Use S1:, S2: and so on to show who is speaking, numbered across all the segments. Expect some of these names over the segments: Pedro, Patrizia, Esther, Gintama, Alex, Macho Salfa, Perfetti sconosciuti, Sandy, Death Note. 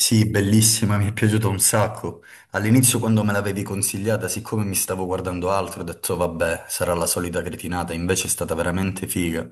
S1: Sì, bellissima, mi è piaciuta un sacco. All'inizio quando me l'avevi consigliata, siccome mi stavo guardando altro, ho detto vabbè, sarà la solita cretinata, invece è stata veramente figa.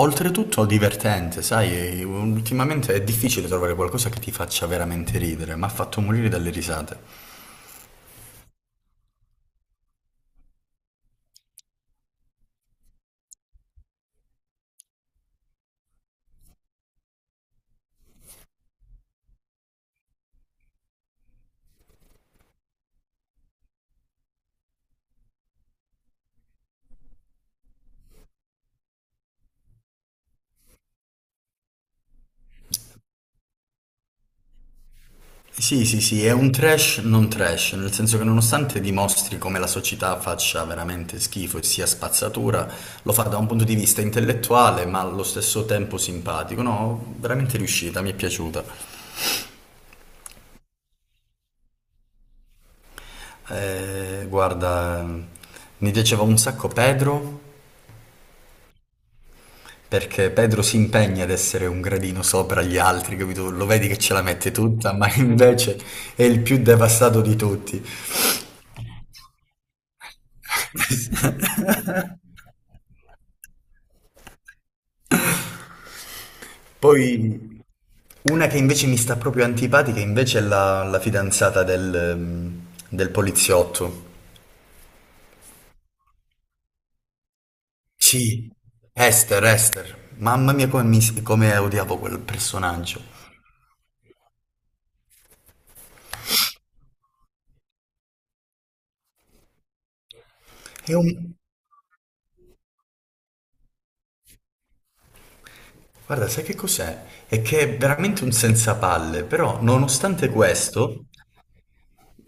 S1: Oltretutto divertente, sai, ultimamente è difficile trovare qualcosa che ti faccia veramente ridere, ma ha fatto morire dalle risate. Sì, sì, sì, è un trash non trash, nel senso che nonostante dimostri come la società faccia veramente schifo e sia spazzatura, lo fa da un punto di vista intellettuale, ma allo stesso tempo simpatico. No, veramente riuscita, mi è piaciuta. Guarda, mi piaceva un sacco Pedro, perché Pedro si impegna ad essere un gradino sopra gli altri, capito? Lo vedi che ce la mette tutta, ma invece è il più devastato di tutti. Poi una che invece mi sta proprio antipatica invece è la fidanzata del, del poliziotto. Sì, Esther, Esther. Mamma mia come, come odiavo quel personaggio. È un... Guarda, sai che cos'è? È che è veramente un senzapalle, però nonostante questo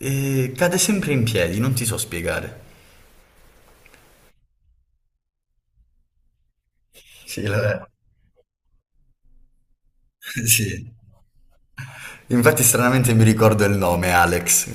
S1: cade sempre in piedi, non ti so spiegare. Sì, sì. Infatti stranamente mi ricordo il nome, Alex.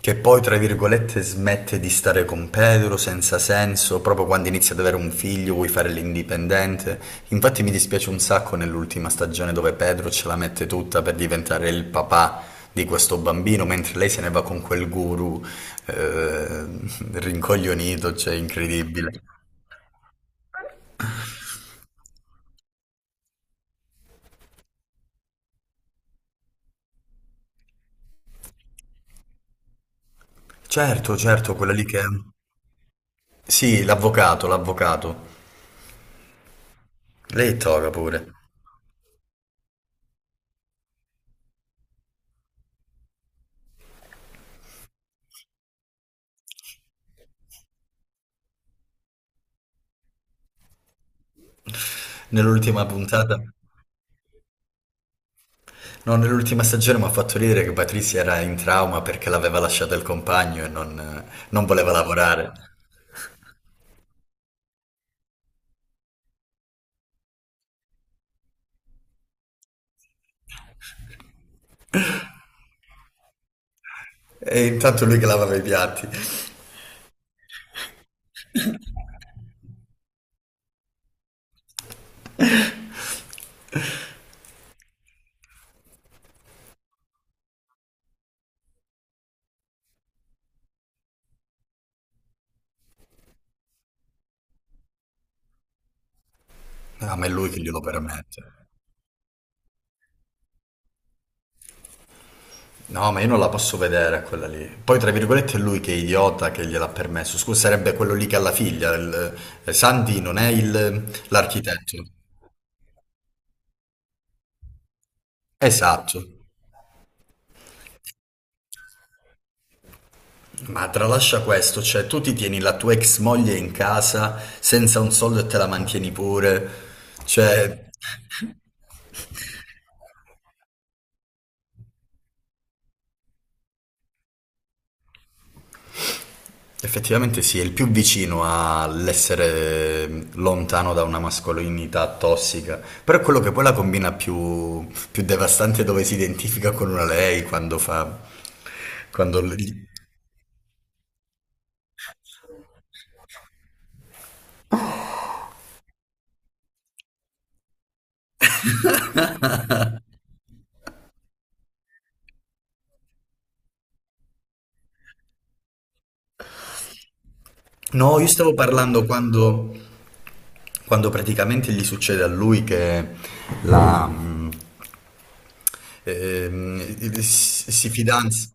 S1: Che poi, tra virgolette, smette di stare con Pedro senza senso, proprio quando inizia ad avere un figlio, vuoi fare l'indipendente. Infatti mi dispiace un sacco nell'ultima stagione dove Pedro ce la mette tutta per diventare il papà di questo bambino, mentre lei se ne va con quel guru eh, rincoglionito, cioè incredibile. Certo, certo, quella lì che... Sì, l'avvocato, l'avvocato. Lei è toga pure. Nell'ultima puntata. No, nell'ultima stagione mi ha fatto ridere che Patrizia era in trauma perché l'aveva lasciata il compagno non voleva lavorare. E intanto lui che lavava i piatti. Ah, ma è lui che glielo permette. No, ma io non la posso vedere quella lì. Poi, tra virgolette, è lui che è idiota che gliel'ha permesso. Scusa, sarebbe quello lì che ha la figlia. Sandy non è l'architetto. Esatto. Ma tralascia questo, cioè tu ti tieni la tua ex moglie in casa senza un soldo e te la mantieni pure. Cioè, effettivamente sì, è il più vicino all'essere lontano da una mascolinità tossica, però è quello che poi la combina più, più devastante dove si identifica con una lei quando fa... quando gli- No, io stavo parlando quando praticamente gli succede a lui che la, mm, si fidanza.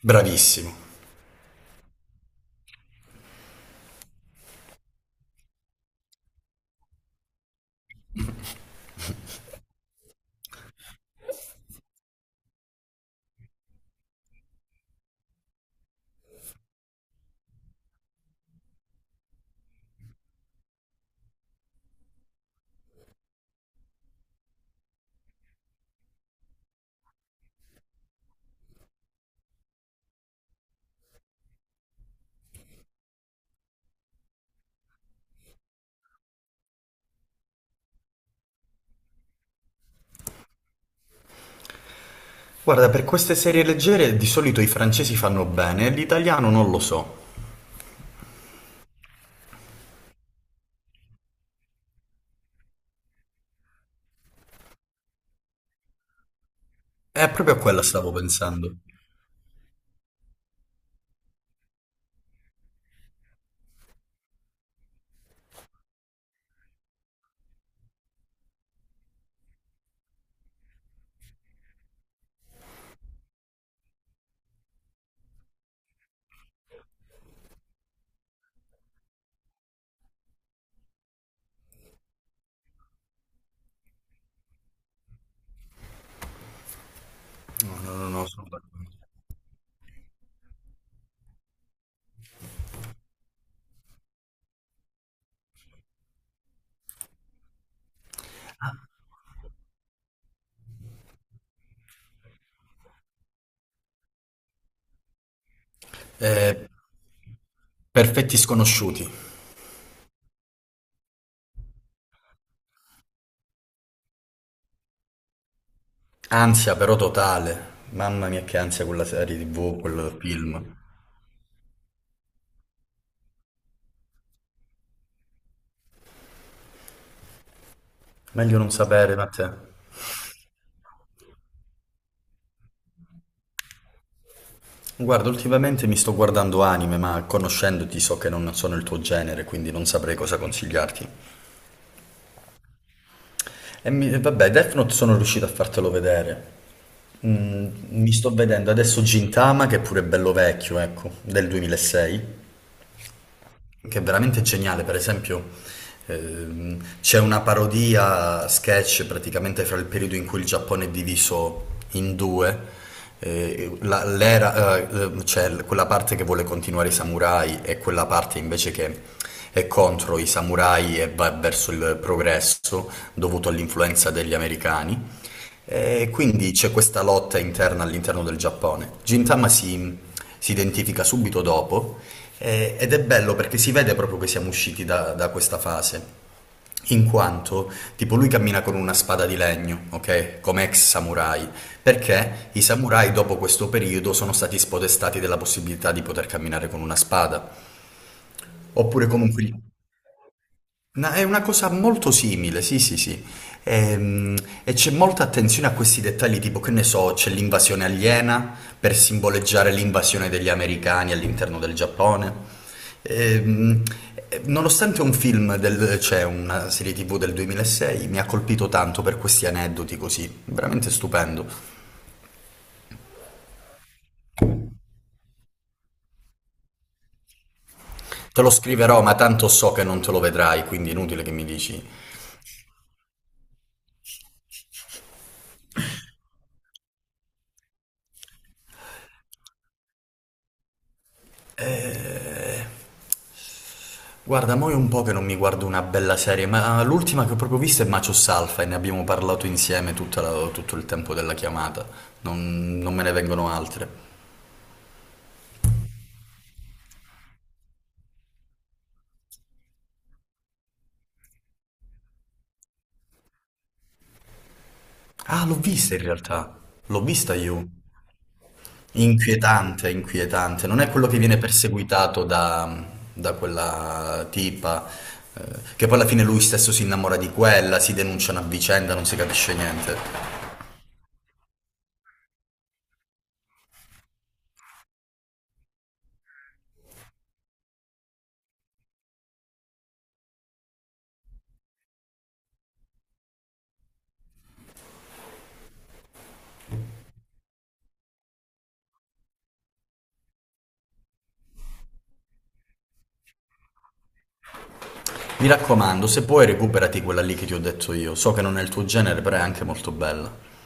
S1: Bravissimo. Guarda, per queste serie leggere di solito i francesi fanno bene, l'italiano non lo so. È proprio a quella stavo pensando. No, no, no, no, sono d'accordo. Eh, Perfetti sconosciuti. Ansia però totale. Mamma mia che ansia quella serie TV, quel film. Meglio non sapere, ma te. Guarda, ultimamente mi sto guardando anime, ma conoscendoti so che non sono il tuo genere, quindi non saprei cosa consigliarti. E vabbè, Death Note sono riuscito a fartelo vedere. Mm, mi sto vedendo adesso Gintama, che è pure bello vecchio, ecco, del 2006. Che è veramente geniale, per esempio c'è una parodia sketch praticamente fra il periodo in cui il Giappone è diviso in due, l'era, quella parte che vuole continuare i samurai e quella parte invece che è contro i samurai e va verso il progresso dovuto all'influenza degli americani. E quindi c'è questa lotta interna all'interno del Giappone. Si identifica subito dopo ed è bello perché si vede proprio che siamo usciti da questa fase, in quanto tipo lui cammina con una spada di legno, ok? Come ex samurai, perché i samurai dopo questo periodo sono stati spodestati della possibilità di poter camminare con una spada, oppure comunque... è una cosa molto simile, sì, sì, sì. Ehm, c'è molta attenzione a questi dettagli, tipo che ne so, c'è l'invasione aliena per simboleggiare l'invasione degli americani all'interno del Giappone. Ehm, nonostante un film del, cioè una serie TV del 2006, mi ha colpito tanto per questi aneddoti così, veramente stupendo. Te lo scriverò, ma tanto so che non te lo vedrai, quindi inutile che mi dici. Eh, Guarda, mo è un po' che non mi guardo una bella serie, ma l'ultima che ho proprio vista è Macho Salfa e ne abbiamo parlato insieme tutto il tempo della chiamata. Non me ne vengono altre. Ah, l'ho vista in realtà. L'ho vista io. Inquietante, inquietante. Non è quello che viene perseguitato da quella tipa, eh, che poi alla fine lui stesso si innamora di quella, si denunciano a vicenda, non si capisce niente. Mi raccomando, se puoi recuperati quella lì che ti ho detto io. So che non è il tuo genere, però è anche molto bella.